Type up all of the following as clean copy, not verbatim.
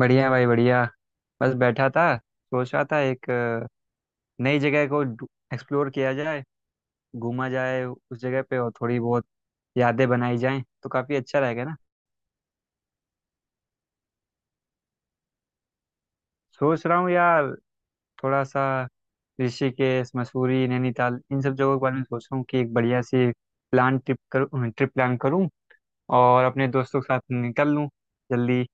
बढ़िया भाई बढ़िया। बस बैठा था, सोच रहा था एक नई जगह को एक्सप्लोर किया जाए, घूमा जाए उस जगह पे और थोड़ी बहुत यादें बनाई जाएं, तो काफी अच्छा रहेगा ना। सोच रहा हूँ यार, थोड़ा सा ऋषिकेश, मसूरी, नैनीताल इन सब जगहों के बारे में सोच रहा हूँ कि एक बढ़िया सी प्लान ट्रिप करूँ ट्रिप प्लान करूँ और अपने दोस्तों के साथ निकल लूँ जल्दी।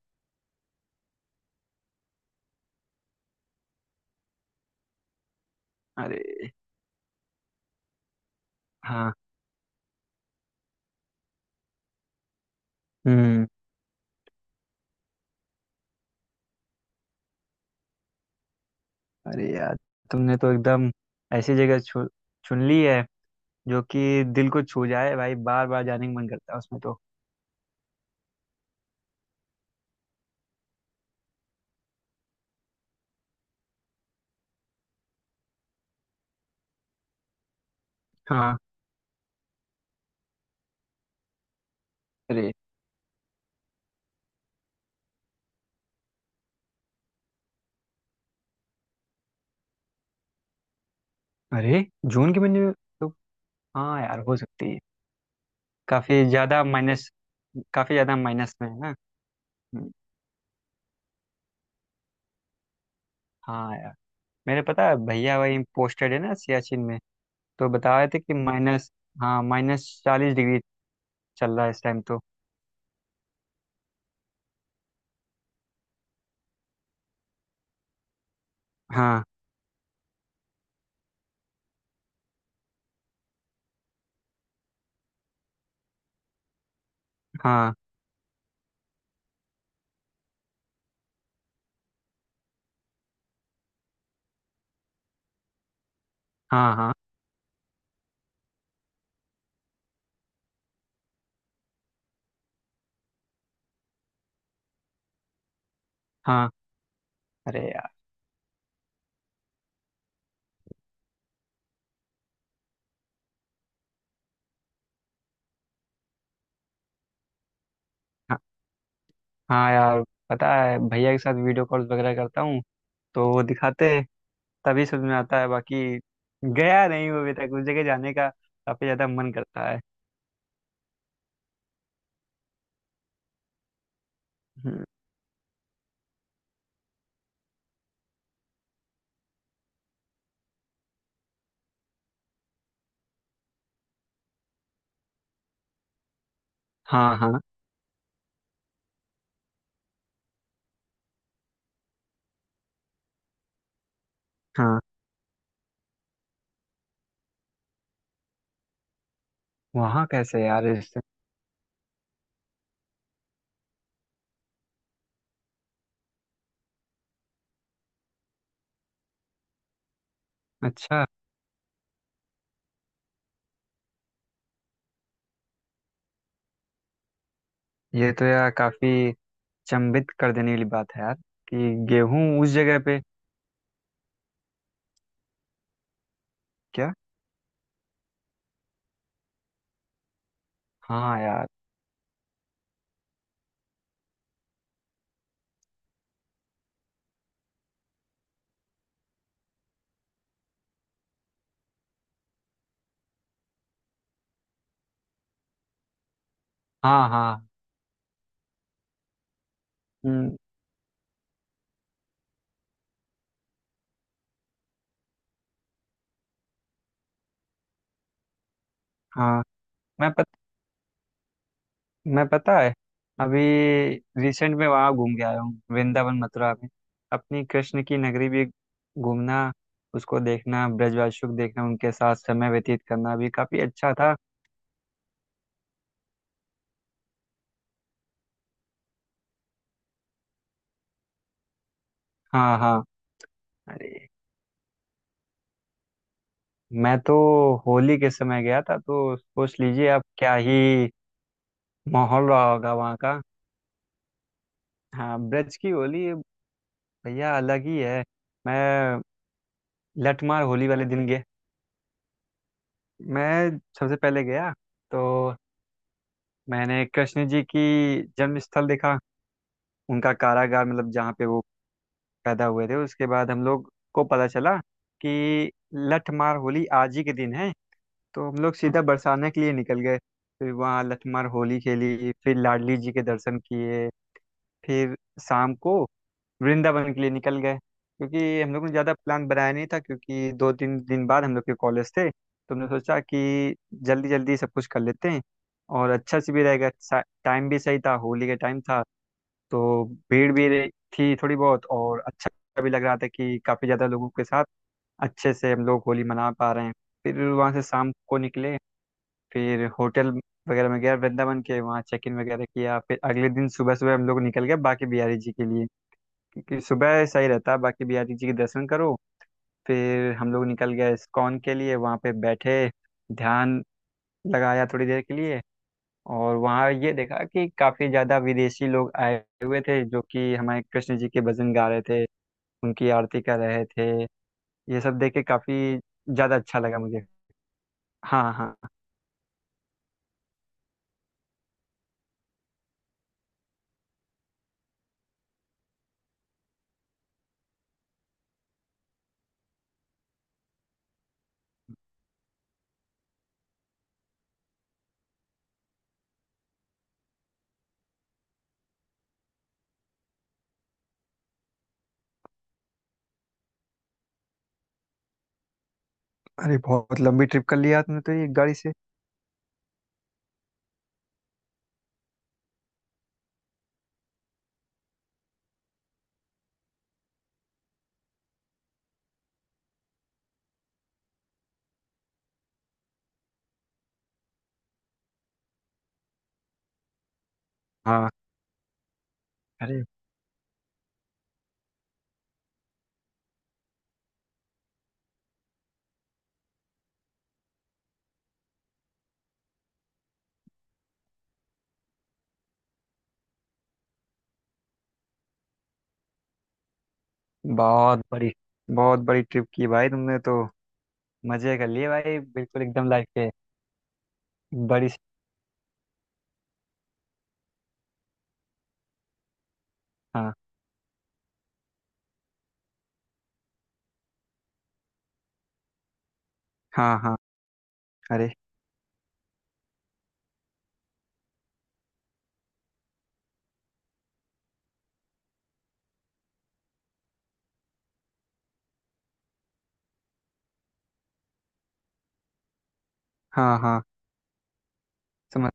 अरे, हाँ। हम्म। अरे यार, तुमने तो एकदम ऐसी जगह चुन ली है जो कि दिल को छू जाए भाई, बार बार जाने का मन करता है उसमें तो। हाँ। अरे। अरे, जून के महीने में तो, हाँ यार, हो सकती है। काफी ज्यादा माइनस काफी ज्यादा माइनस में है ना। हम्म, हाँ यार। मेरे, पता है, भैया वही पोस्टेड है ना सियाचिन में, तो बता रहे थे कि माइनस हाँ, माइनस 40 डिग्री चल रहा है इस टाइम तो। हाँ, हाँ, हाँ, हाँ, हाँ। अरे यार। हाँ, हाँ यार, पता है भैया के साथ वीडियो कॉल वगैरह करता हूँ, तो वो दिखाते हैं, तभी समझ में आता है। बाकी गया नहीं हूँ अभी तक उस जगह, जाने का काफी ज्यादा मन करता है। हम्म, हाँ, हाँ, हाँ। वहाँ कैसे यार, इससे अच्छा। ये तो यार काफी चंभित कर देने वाली बात है यार, कि गेहूं उस जगह पे। क्या। हाँ यार। हाँ, हाँ। हम्म। हाँ, मैं मैं, पता है, अभी रिसेंट में वहाँ घूम के आया हूँ, वृंदावन मथुरा में। अपनी कृष्ण की नगरी भी घूमना, उसको देखना, ब्रजवासुक देखना, उनके साथ समय व्यतीत करना भी काफी अच्छा था। हाँ, हाँ। अरे, मैं तो होली के समय गया था, तो सोच लीजिए अब क्या ही माहौल रहा होगा वहाँ का। हाँ, ब्रज की होली भैया अलग ही है। मैं लठमार होली वाले दिन गया। मैं सबसे पहले गया, तो मैंने कृष्ण जी की जन्म स्थल देखा, उनका कारागार, मतलब जहाँ पे वो पैदा हुए थे। उसके बाद हम लोग को पता चला कि लठमार होली आज ही के दिन है, तो हम लोग सीधा बरसाना के लिए निकल गए। फिर वहाँ लठमार होली खेली, फिर लाडली जी के दर्शन किए, फिर शाम को वृंदावन के लिए निकल गए, क्योंकि हम लोग ने ज़्यादा प्लान बनाया नहीं था, क्योंकि दो तीन दिन बाद हम लोग के कॉलेज थे, तो हमने सोचा कि जल्दी जल्दी सब कुछ कर लेते हैं और अच्छा से भी रहेगा। टाइम भी सही था, होली का टाइम था, तो भीड़ भी थी थोड़ी बहुत, और अच्छा भी लग रहा था कि काफ़ी ज़्यादा लोगों के साथ अच्छे से हम लोग होली मना पा रहे हैं। फिर वहाँ से शाम को निकले, फिर होटल वगैरह में गया वृंदावन के, वहाँ चेक इन वगैरह किया, फिर अगले दिन सुबह सुबह हम लोग निकल गए बाकी बिहारी जी के लिए, कि सुबह सही रहता है। बाकी बिहारी जी के दर्शन करो। फिर हम लोग निकल गए इस्कॉन के लिए, वहाँ पे बैठे, ध्यान लगाया थोड़ी देर के लिए। और वहाँ ये देखा कि काफ़ी ज़्यादा विदेशी लोग आए हुए थे जो कि हमारे कृष्ण जी के भजन गा रहे थे, उनकी आरती कर रहे थे। ये सब देख के काफ़ी ज़्यादा अच्छा लगा मुझे। हाँ, हाँ। अरे, बहुत लंबी ट्रिप कर लिया तुमने तो ये, गाड़ी से। हाँ। अरे, बहुत बड़ी, बहुत बड़ी ट्रिप की भाई तुमने तो, मज़े कर लिए भाई, बिल्कुल एकदम लाइफ के। बड़ी। हाँ, हाँ, हाँ। अरे, हाँ, हाँ। समझ।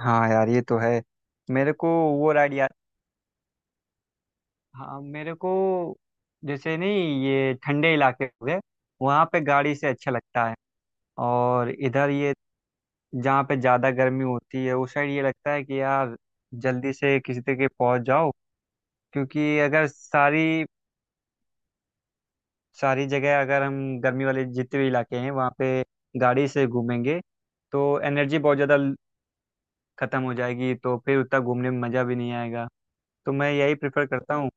हाँ यार, ये तो है। मेरे को वो राइड याद। हाँ, मेरे को जैसे, नहीं, ये ठंडे इलाके हो गए, वहाँ पे गाड़ी से अच्छा लगता है। और इधर ये, जहाँ पे ज़्यादा गर्मी होती है उस साइड, ये लगता है कि यार जल्दी से किसी तरीके पहुँच जाओ। क्योंकि अगर सारी, सारी जगह अगर हम, गर्मी वाले जितने भी इलाके हैं वहाँ पे गाड़ी से घूमेंगे, तो एनर्जी बहुत ज़्यादा खत्म हो जाएगी, तो फिर उतना घूमने में मज़ा भी नहीं आएगा। तो मैं यही प्रेफर करता हूँ।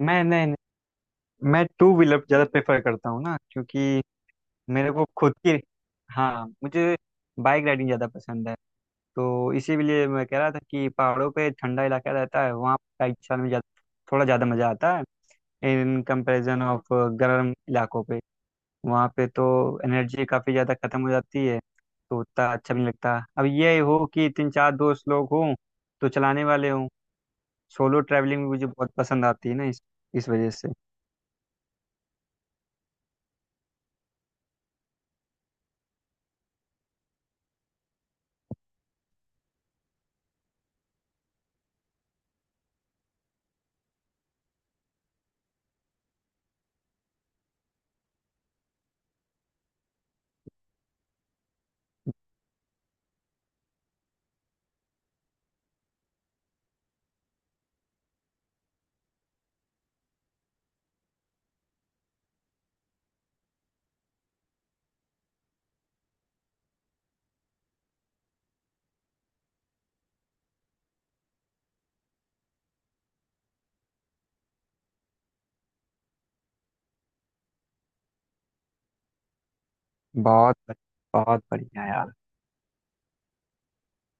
मैं, नहीं, नहीं, मैं टू व्हीलर ज़्यादा प्रेफर करता हूँ ना, क्योंकि मेरे को खुद की। हाँ, मुझे बाइक राइडिंग ज़्यादा पसंद है। तो इसीलिए मैं कह रहा था कि पहाड़ों पे ठंडा इलाका रहता है, वहाँ बाइक चलाने में ज़्यादा थोड़ा ज़्यादा मज़ा आता है, इन कंपैरिजन ऑफ गर्म इलाकों पे। वहाँ पे तो एनर्जी काफ़ी ज़्यादा ख़त्म हो जाती है, तो उतना अच्छा भी नहीं लगता। अब ये हो कि तीन चार दोस्त लोग हों, तो चलाने वाले हों। सोलो ट्रैवलिंग भी मुझे बहुत पसंद आती है ना, इस वजह से। बहुत, बहुत बढ़िया यार।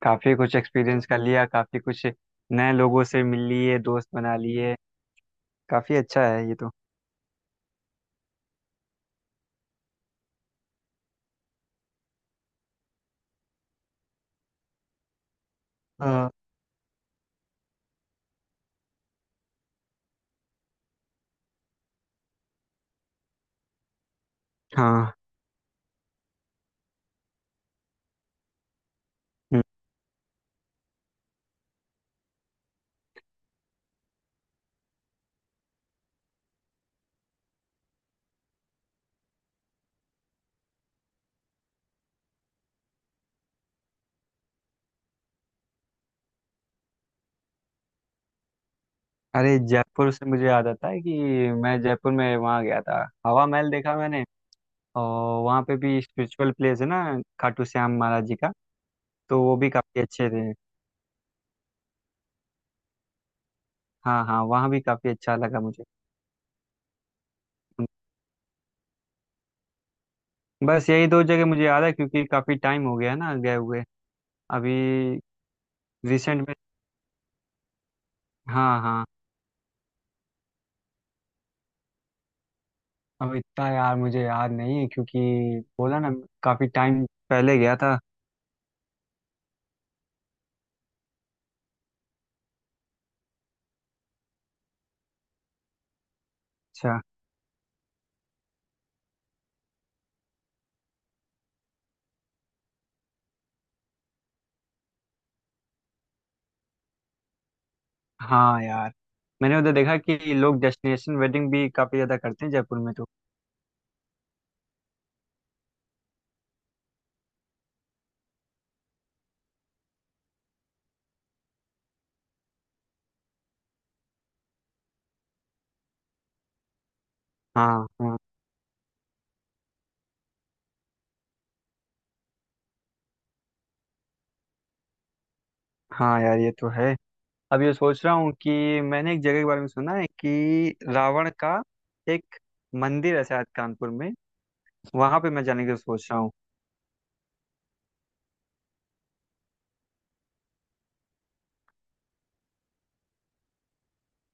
काफी कुछ एक्सपीरियंस कर लिया, काफी कुछ नए लोगों से मिल लिए, दोस्त बना लिए, काफी अच्छा है ये तो। हाँ, हाँ। हम्म। अरे, जयपुर से मुझे याद आता है कि मैं जयपुर में वहाँ गया था, हवा महल देखा मैंने। और वहाँ पे भी स्पिरिचुअल प्लेस है ना, खाटू श्याम महाराज जी का, तो वो भी काफी अच्छे थे। हाँ, हाँ, वहाँ भी काफी अच्छा लगा मुझे। बस यही दो जगह मुझे याद है, क्योंकि काफी टाइम हो गया ना गए हुए। अभी, रिसेंट में। हाँ, हाँ। अब इतना यार मुझे याद नहीं है, क्योंकि, बोला ना, काफी टाइम पहले गया था। अच्छा। हाँ यार, मैंने उधर देखा कि लोग डेस्टिनेशन वेडिंग भी काफी ज्यादा करते हैं जयपुर में तो। हाँ, हाँ। हाँ यार, ये तो है। अब ये सोच रहा हूँ कि मैंने एक जगह के बारे में सुना है कि रावण का एक मंदिर है शायद कानपुर में, वहां पे मैं जाने की सोच रहा हूँ।